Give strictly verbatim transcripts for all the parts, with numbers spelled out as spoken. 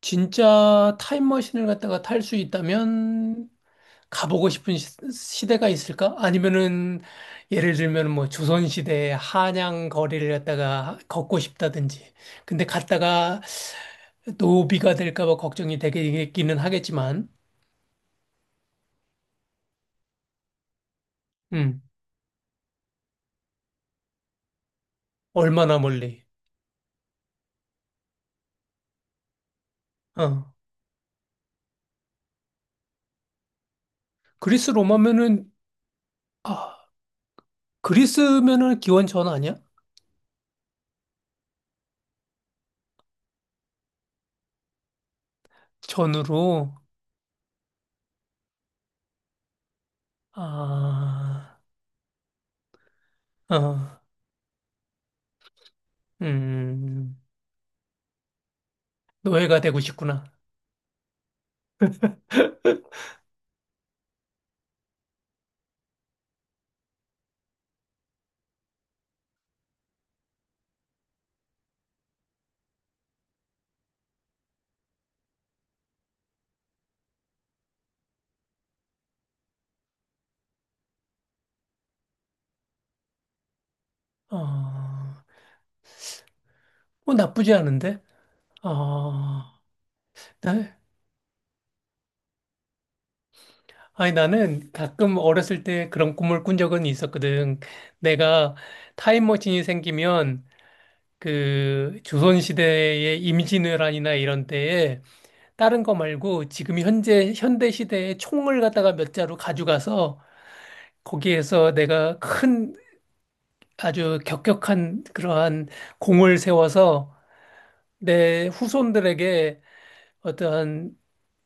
진짜 타임머신을 갖다가 탈 수 있다면 가보고 싶은 시, 대가 있을까? 아니면은 예를 들면 뭐 조선시대 한양 거리를 갖다가 걷고 싶다든지. 근데 갔다가 노비가 될까 봐 걱정이 되기는 하겠지만, 음, 얼마나 멀리. 어. 그리스 로마면은, 아, 그리스면은 기원 전 아니야? 전으로, 아, 어, 음, 노예가 되고 싶구나. 어. 어, 나쁘지 않은데? 아, 나, 아니, 나는 가끔 어렸을 때 그런 꿈을 꾼 적은 있었거든. 내가 타임머신이 생기면 그 조선시대의 임진왜란이나 이런 때에 다른 거 말고 지금 현재 현대시대의 총을 갖다가 몇 자루 가져가서 거기에서 내가 큰 아주 격격한 그러한 공을 세워서 내 후손들에게 어떠한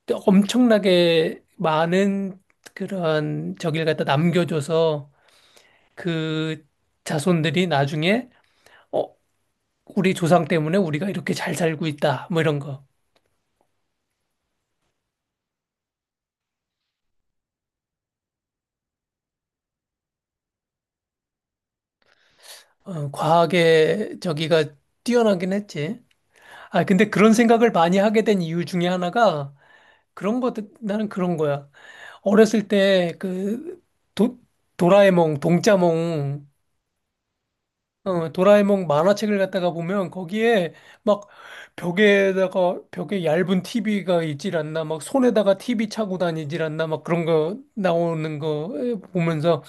또 엄청나게 많은 그런 저기를 갖다 남겨줘서 그 자손들이 나중에 어, 우리 조상 때문에 우리가 이렇게 잘 살고 있다. 뭐 이런 거. 어, 과학의 저기가 뛰어나긴 했지. 아, 근데 그런 생각을 많이 하게 된 이유 중에 하나가 그런 것, 나는 그런 거야. 어렸을 때 그 도라에몽, 동자몽. 어, 도라에몽 만화책을 갖다가 보면 거기에 막 벽에다가 벽에 얇은 티비가 있질 않나 막 손에다가 티비 차고 다니질 않나 막 그런 거 나오는 거 보면서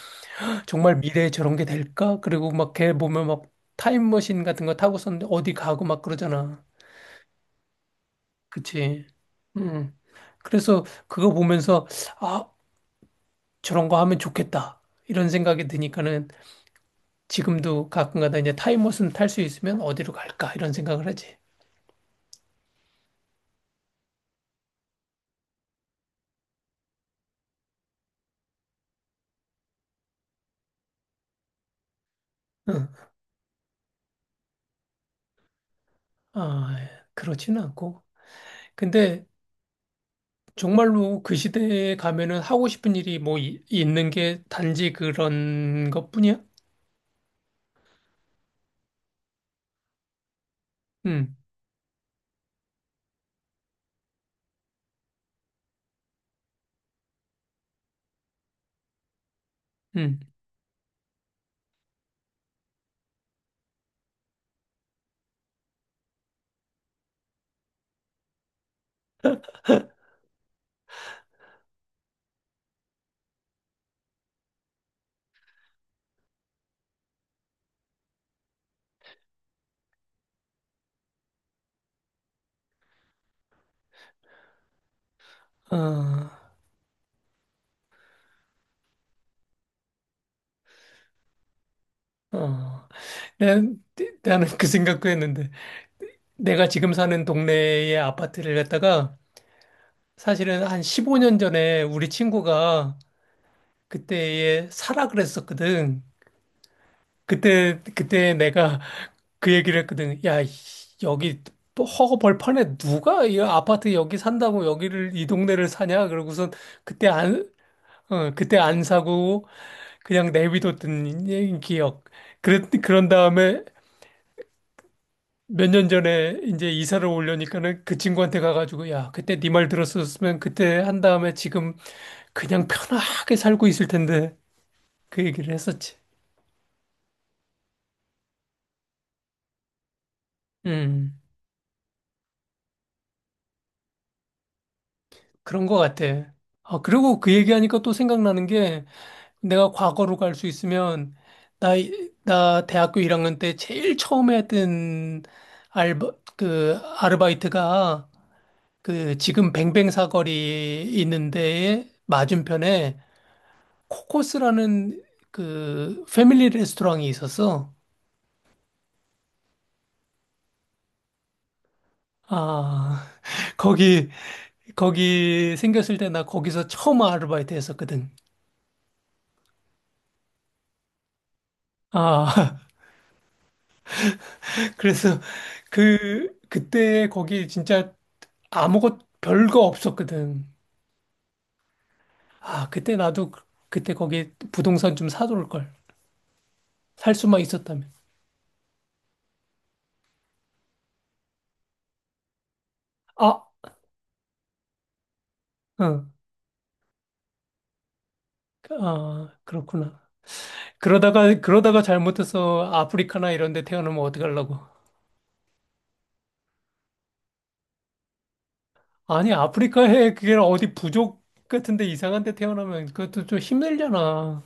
정말 미래에 저런 게 될까? 그리고 막 걔 보면 막 타임머신 같은 거 타고선 어디 가고 막 그러잖아. 그치? 음. 그래서 그거 보면서 아, 저런 거 하면 좋겠다. 이런 생각이 드니까는 지금도 가끔가다 이제 타임머신 탈 수 있으면 어디로 갈까? 이런 생각을 하지. 응. 아, 그렇진 않고. 근데 정말로 그 시대에 가면은 하고 싶은 일이 뭐 이- 있는 게 단지 그런 것뿐이야? 응, 응. 아, 어. 난, 나는 그 생각도 했는데. 내가 지금 사는 동네의 아파트를 갖다가 사실은 한 십오 년 전에 우리 친구가 그때에 사라 그랬었거든. 그때, 그때 내가 그 얘기를 했거든. 야, 이- 여기 허허벌판에 누가 이 아파트 여기 산다고 여기를 이 동네를 사냐? 그러고선 그때 안, 어, 그때 안 사고 그냥 내비뒀던 이- 기억. 그랬, 그런 다음에 몇 년 전에 이제 이사를 오려니까는 그 친구한테 가가지고 야, 그때 네 말 들었었으면 그때 한 다음에 지금 그냥 편하게 살고 있을 텐데 그 얘기를 했었지. 음, 그런 것 같아. 아, 그리고 그 얘기하니까 또 생각나는 게 내가 과거로 갈 수 있으면 나, 이- 나 대학교 일 학년 때 제일 처음에 했던 알바, 그 아르바이트가 그 지금 뱅뱅사거리 있는 데에 맞은편에 코코스라는 그 패밀리 레스토랑이 있었어. 아, 거기, 거기 생겼을 때 나 거기서 처음 아르바이트 했었거든. 아, 그래서 그, 그때 거기 진짜 아무것 별거 없었거든. 아, 그때 나도 그- 그때 거기 부동산 좀 사둘 걸. 살 수만 있었다면. 아, 응. 아, 그렇구나. 그러다가 그러다가 잘못해서 아프리카나 이런 데 태어나면 어떡하려고. 아니, 아프리카에 그게 어디 부족 같은데 이상한 데 태어나면 그것도 좀 힘들잖아.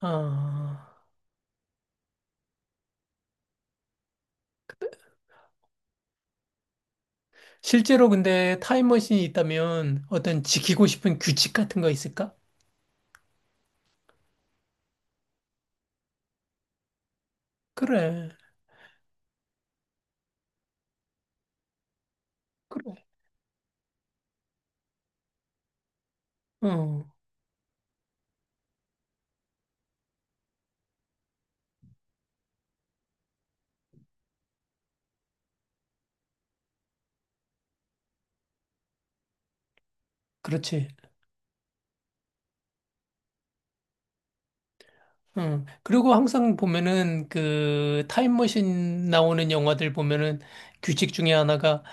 아. 실제로 근데 타임머신이 있다면 어떤 지키고 싶은 규칙 같은 거 있을까? 그래. 그래. 어. 그렇지. 응. 그리고 항상 보면은 그 타임머신 나오는 영화들 보면은 규칙 중에 하나가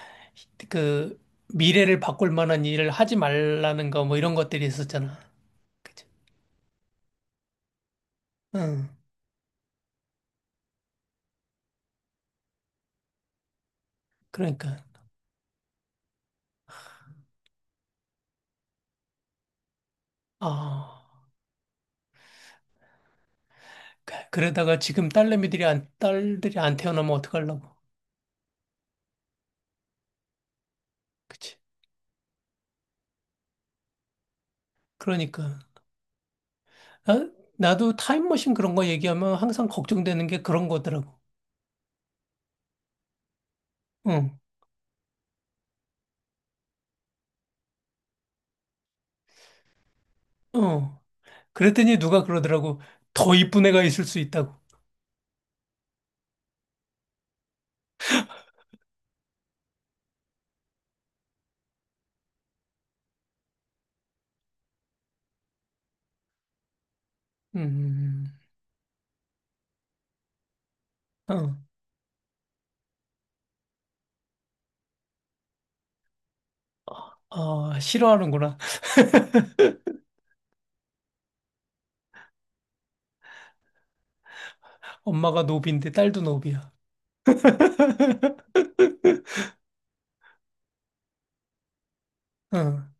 그 미래를 바꿀 만한 일을 하지 말라는 거 뭐 이런 것들이 있었잖아. 그치? 응. 그러니까. 아. 그- 그러다가 지금 딸내미들이 안, 딸들이 안 태어나면 어떡하려고. 그치? 그러니까. 나, 나도 타임머신 그런 거 얘기하면 항상 걱정되는 게 그런 거더라고. 응. 어. 그랬더니 누가 그러더라고. 더 이쁜 애가 있을 수 있다고. 음, 어, 아, 싫어하는구나. 엄마가 노비인데 딸도 노비야. 응,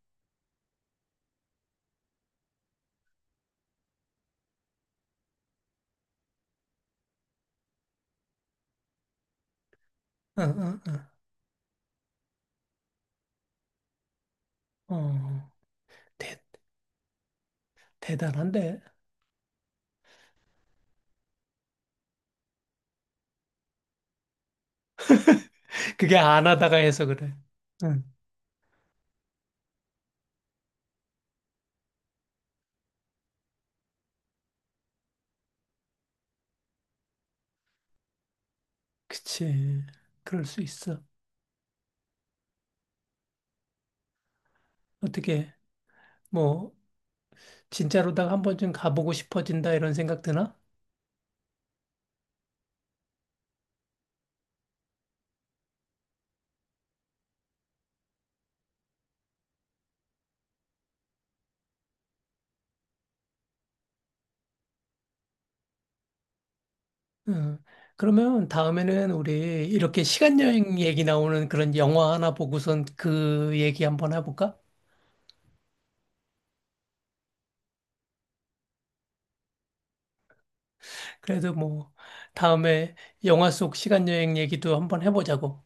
응, 응, 응. 어, 대, 대단한데? 그게 안 하다가 해서 그래. 응, 그치. 그럴 수 있어. 어떻게, 뭐, 진짜로다가 한 번쯤 가보고 싶어진다 이런 생각 드나? 응. 그러면 다음에는 우리 이렇게 시간 여행 얘기 나오는 그런 영화 하나 보고선 그 얘기 한번 해볼까? 그래도 뭐 다음에 영화 속 시간 여행 얘기도 한번 해보자고.